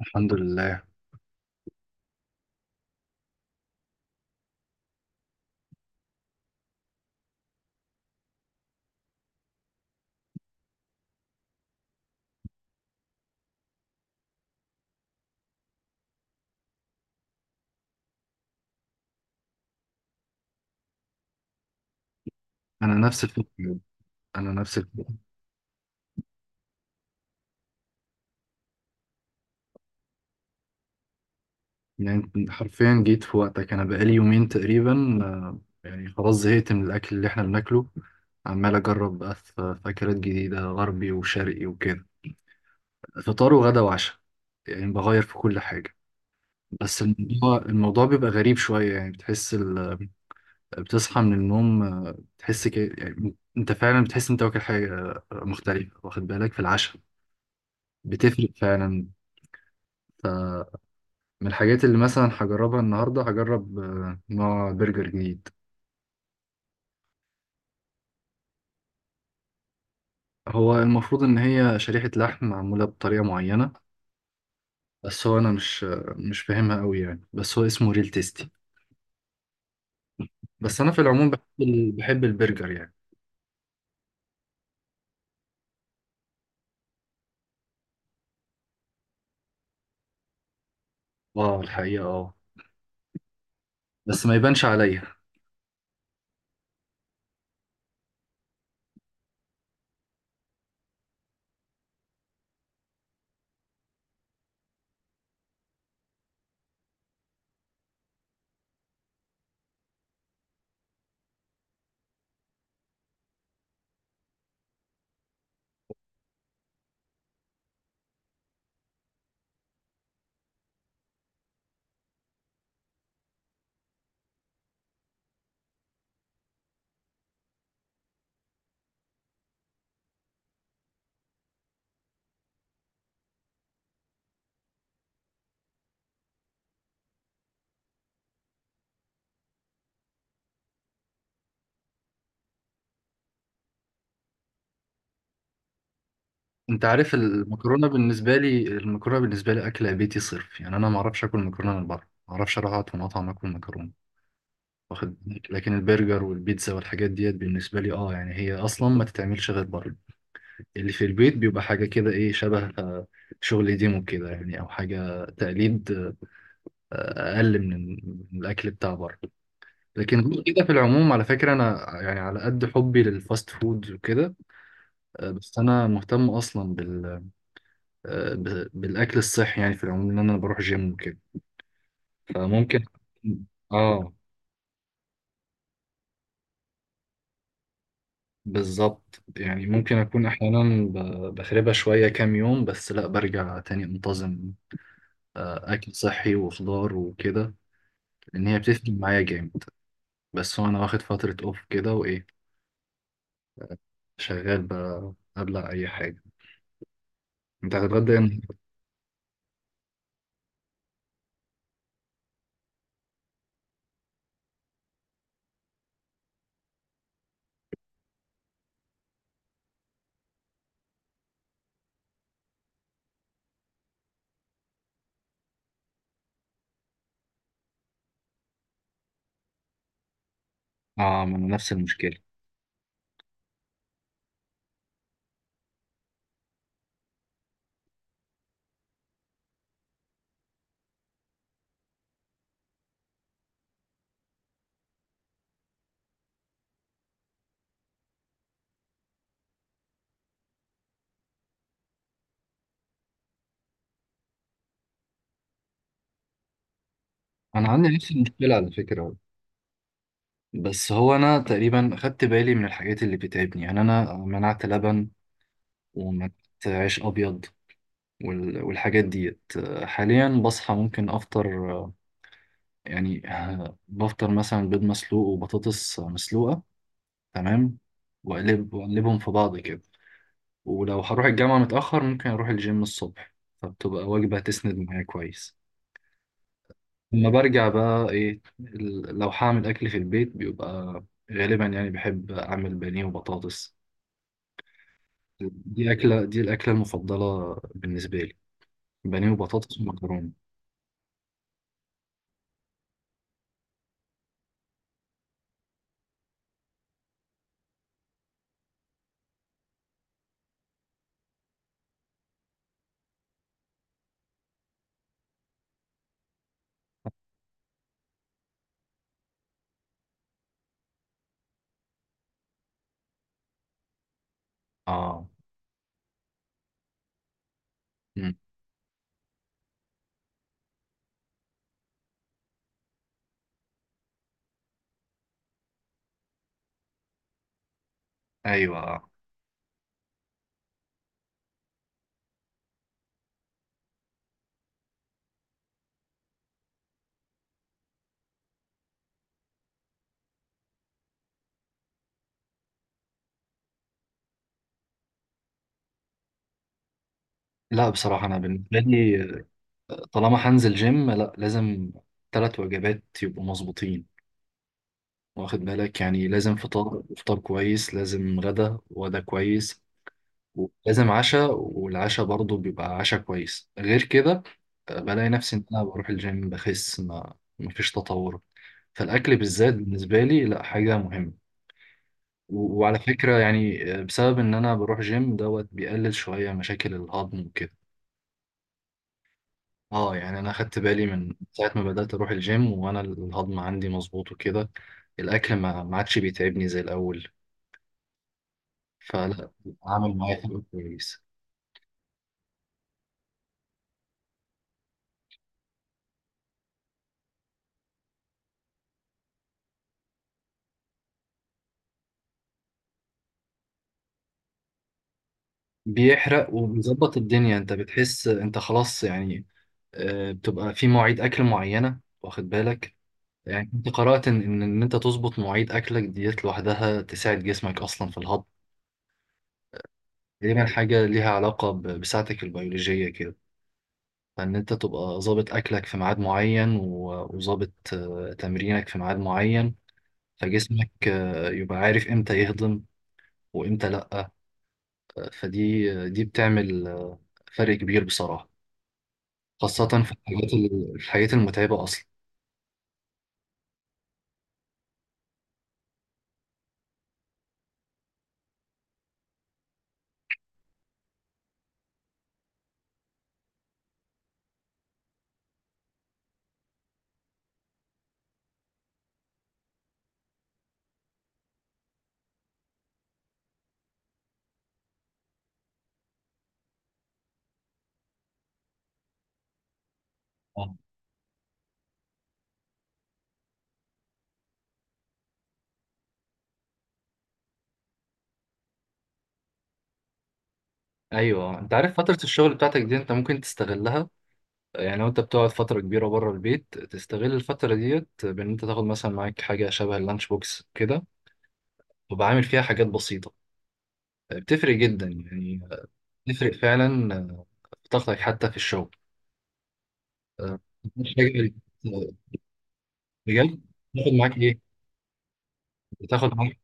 الحمد لله. انا نفس الفكره انا نفس الفكره. يعني أنت حرفيا جيت في وقتك، انا بقالي يومين تقريبا. يعني خلاص زهقت من الاكل اللي احنا بناكله. عمال اجرب بقى في اكلات جديده، غربي وشرقي وكده، فطار وغدا وعشاء. يعني بغير في كل حاجه. بس الموضوع بيبقى غريب شويه، يعني بتحس بتصحى من النوم. بتحس يعني انت فعلا بتحس انت واكل حاجه مختلفه، واخد بالك؟ في العشاء بتفرق فعلا. من الحاجات اللي مثلا هجربها النهاردة، هجرب نوع برجر جديد. هو المفروض إن هي شريحة لحم معمولة بطريقة معينة، بس هو أنا مش فاهمها أوي يعني، بس هو اسمه ريل تيستي. بس أنا في العموم بحب بحب البرجر يعني. اه الحقيقة اه، بس ما يبانش عليا. أنت عارف، المكرونة بالنسبة لي أكلة بيتي صرف يعني. أنا معرفش آكل مكرونة من بره، معرفش أروح أقعد في مطعم آكل مكرونة، واخد بالك؟ لكن البرجر والبيتزا والحاجات ديت بالنسبة لي، اه يعني هي أصلا ما تتعملش غير بره. اللي في البيت بيبقى حاجة كده، إيه، شبه شغل ديمو كده يعني، أو حاجة تقليد، أقل من الأكل بتاع بره. لكن غير كده في العموم، على فكرة، أنا يعني على قد حبي للفاست فود وكده، آه، بس أنا مهتم أصلا بال آه، ب- بالأكل الصحي يعني، في العموم إن أنا بروح جيم وكده، فممكن. آه، بالظبط، يعني ممكن أكون أحيانا بخربها شوية كام يوم، بس لأ برجع تاني منتظم. أكل صحي وخضار وكده، لأن هي بتفرق معايا جامد. بس هو أنا واخد فترة أوف كده، وإيه، شغال بقى أبلع أي حاجة. أنت هتتغدى يعني؟ آه ما أنا نفس المشكلة. أنا عندي نفس المشكلة على فكرة، بس هو أنا تقريبا خدت بالي من الحاجات اللي بتتعبني، يعني أنا منعت لبن ومنعت عيش أبيض والحاجات ديت. حاليا بصحى ممكن أفطر، يعني، بفطر مثلا بيض مسلوق وبطاطس مسلوقة، تمام، وأقلبهم في بعض كده. ولو هروح الجامعة متأخر ممكن أروح الجيم الصبح، فبتبقى وجبة تسند معايا كويس. لما برجع بقى إيه، لو هعمل أكل في البيت بيبقى غالبا يعني، بحب أعمل بانيه وبطاطس. دي الأكلة المفضلة بالنسبة لي، بانيه وبطاطس ومكرونة. آه. مم. أيوة. آه. لا بصراحة أنا بالنسبة لي، طالما هنزل جيم لا، لازم 3 وجبات يبقوا مظبوطين، واخد بالك؟ يعني لازم فطار، فطار كويس، لازم غدا، وغدا كويس، لازم عشاء، والعشاء برضه بيبقى عشاء كويس. غير كده بلاقي نفسي ان انا بروح الجيم بخس، ما مفيش تطور. فالاكل بالذات بالنسبه لي لا، حاجه مهمه. وعلى فكره يعني، بسبب ان انا بروح جيم دوت بيقلل شويه مشاكل الهضم وكده. اه يعني انا خدت بالي من ساعه ما بدات اروح الجيم وانا الهضم عندي مظبوط وكده، الاكل ما عادش بيتعبني زي الاول، فلا، عامل معايا فرق كويس. بيحرق وبيظبط الدنيا، انت بتحس انت خلاص يعني. بتبقى في مواعيد اكل معينه، واخد بالك؟ يعني انت قرات ان ان إن انت تظبط مواعيد اكلك ديت لوحدها تساعد جسمك اصلا في الهضم. تقريبا حاجه ليها علاقه بساعتك البيولوجيه كده، فان انت تبقى ظابط اكلك في ميعاد معين، وظابط تمرينك في ميعاد معين، فجسمك يبقى عارف امتى يهضم وامتى لا. فدي دي بتعمل فرق كبير بصراحه، خاصه في الحاجات الحاجات المتعبه اصلا. ايوه، انت عارف فتره الشغل بتاعتك دي انت ممكن تستغلها، يعني لو انت بتقعد فتره كبيره بره البيت تستغل الفتره ديت بان انت تاخد مثلا معاك حاجه شبه اللانش بوكس كده، وبعامل فيها حاجات بسيطه، بتفرق جدا يعني، بتفرق فعلا في طاقتك حتى في الشغل. آه، مش حاجة، بجد. بتاخد معاك ايه بتاخد معاك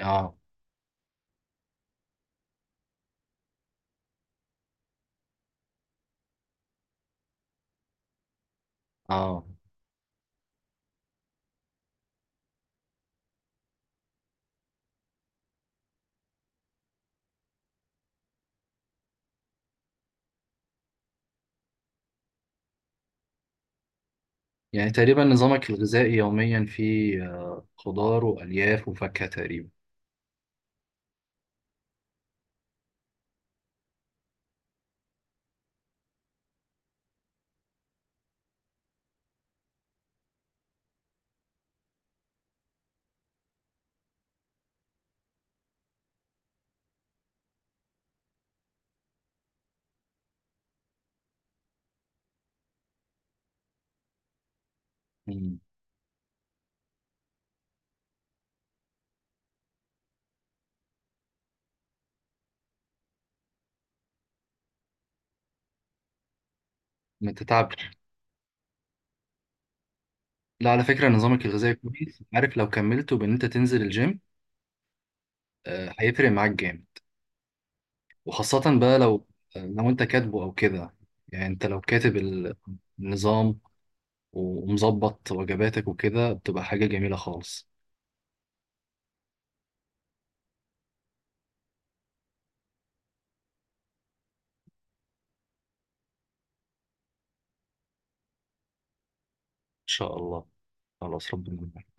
اه اه، يعني تقريبا نظامك الغذائي يوميا فيه خضار والياف وفاكهه تقريبا. مم. ما تتعبش. لا على فكرة نظامك الغذائي كويس، عارف لو كملت بان انت تنزل الجيم هيفرق معاك جامد. وخاصة بقى لو، لو انت كاتبه او كده، يعني انت لو كاتب النظام ومظبط وجباتك وكده بتبقى حاجة جميلة خالص. ان شاء الله، خلاص ربنا معاك.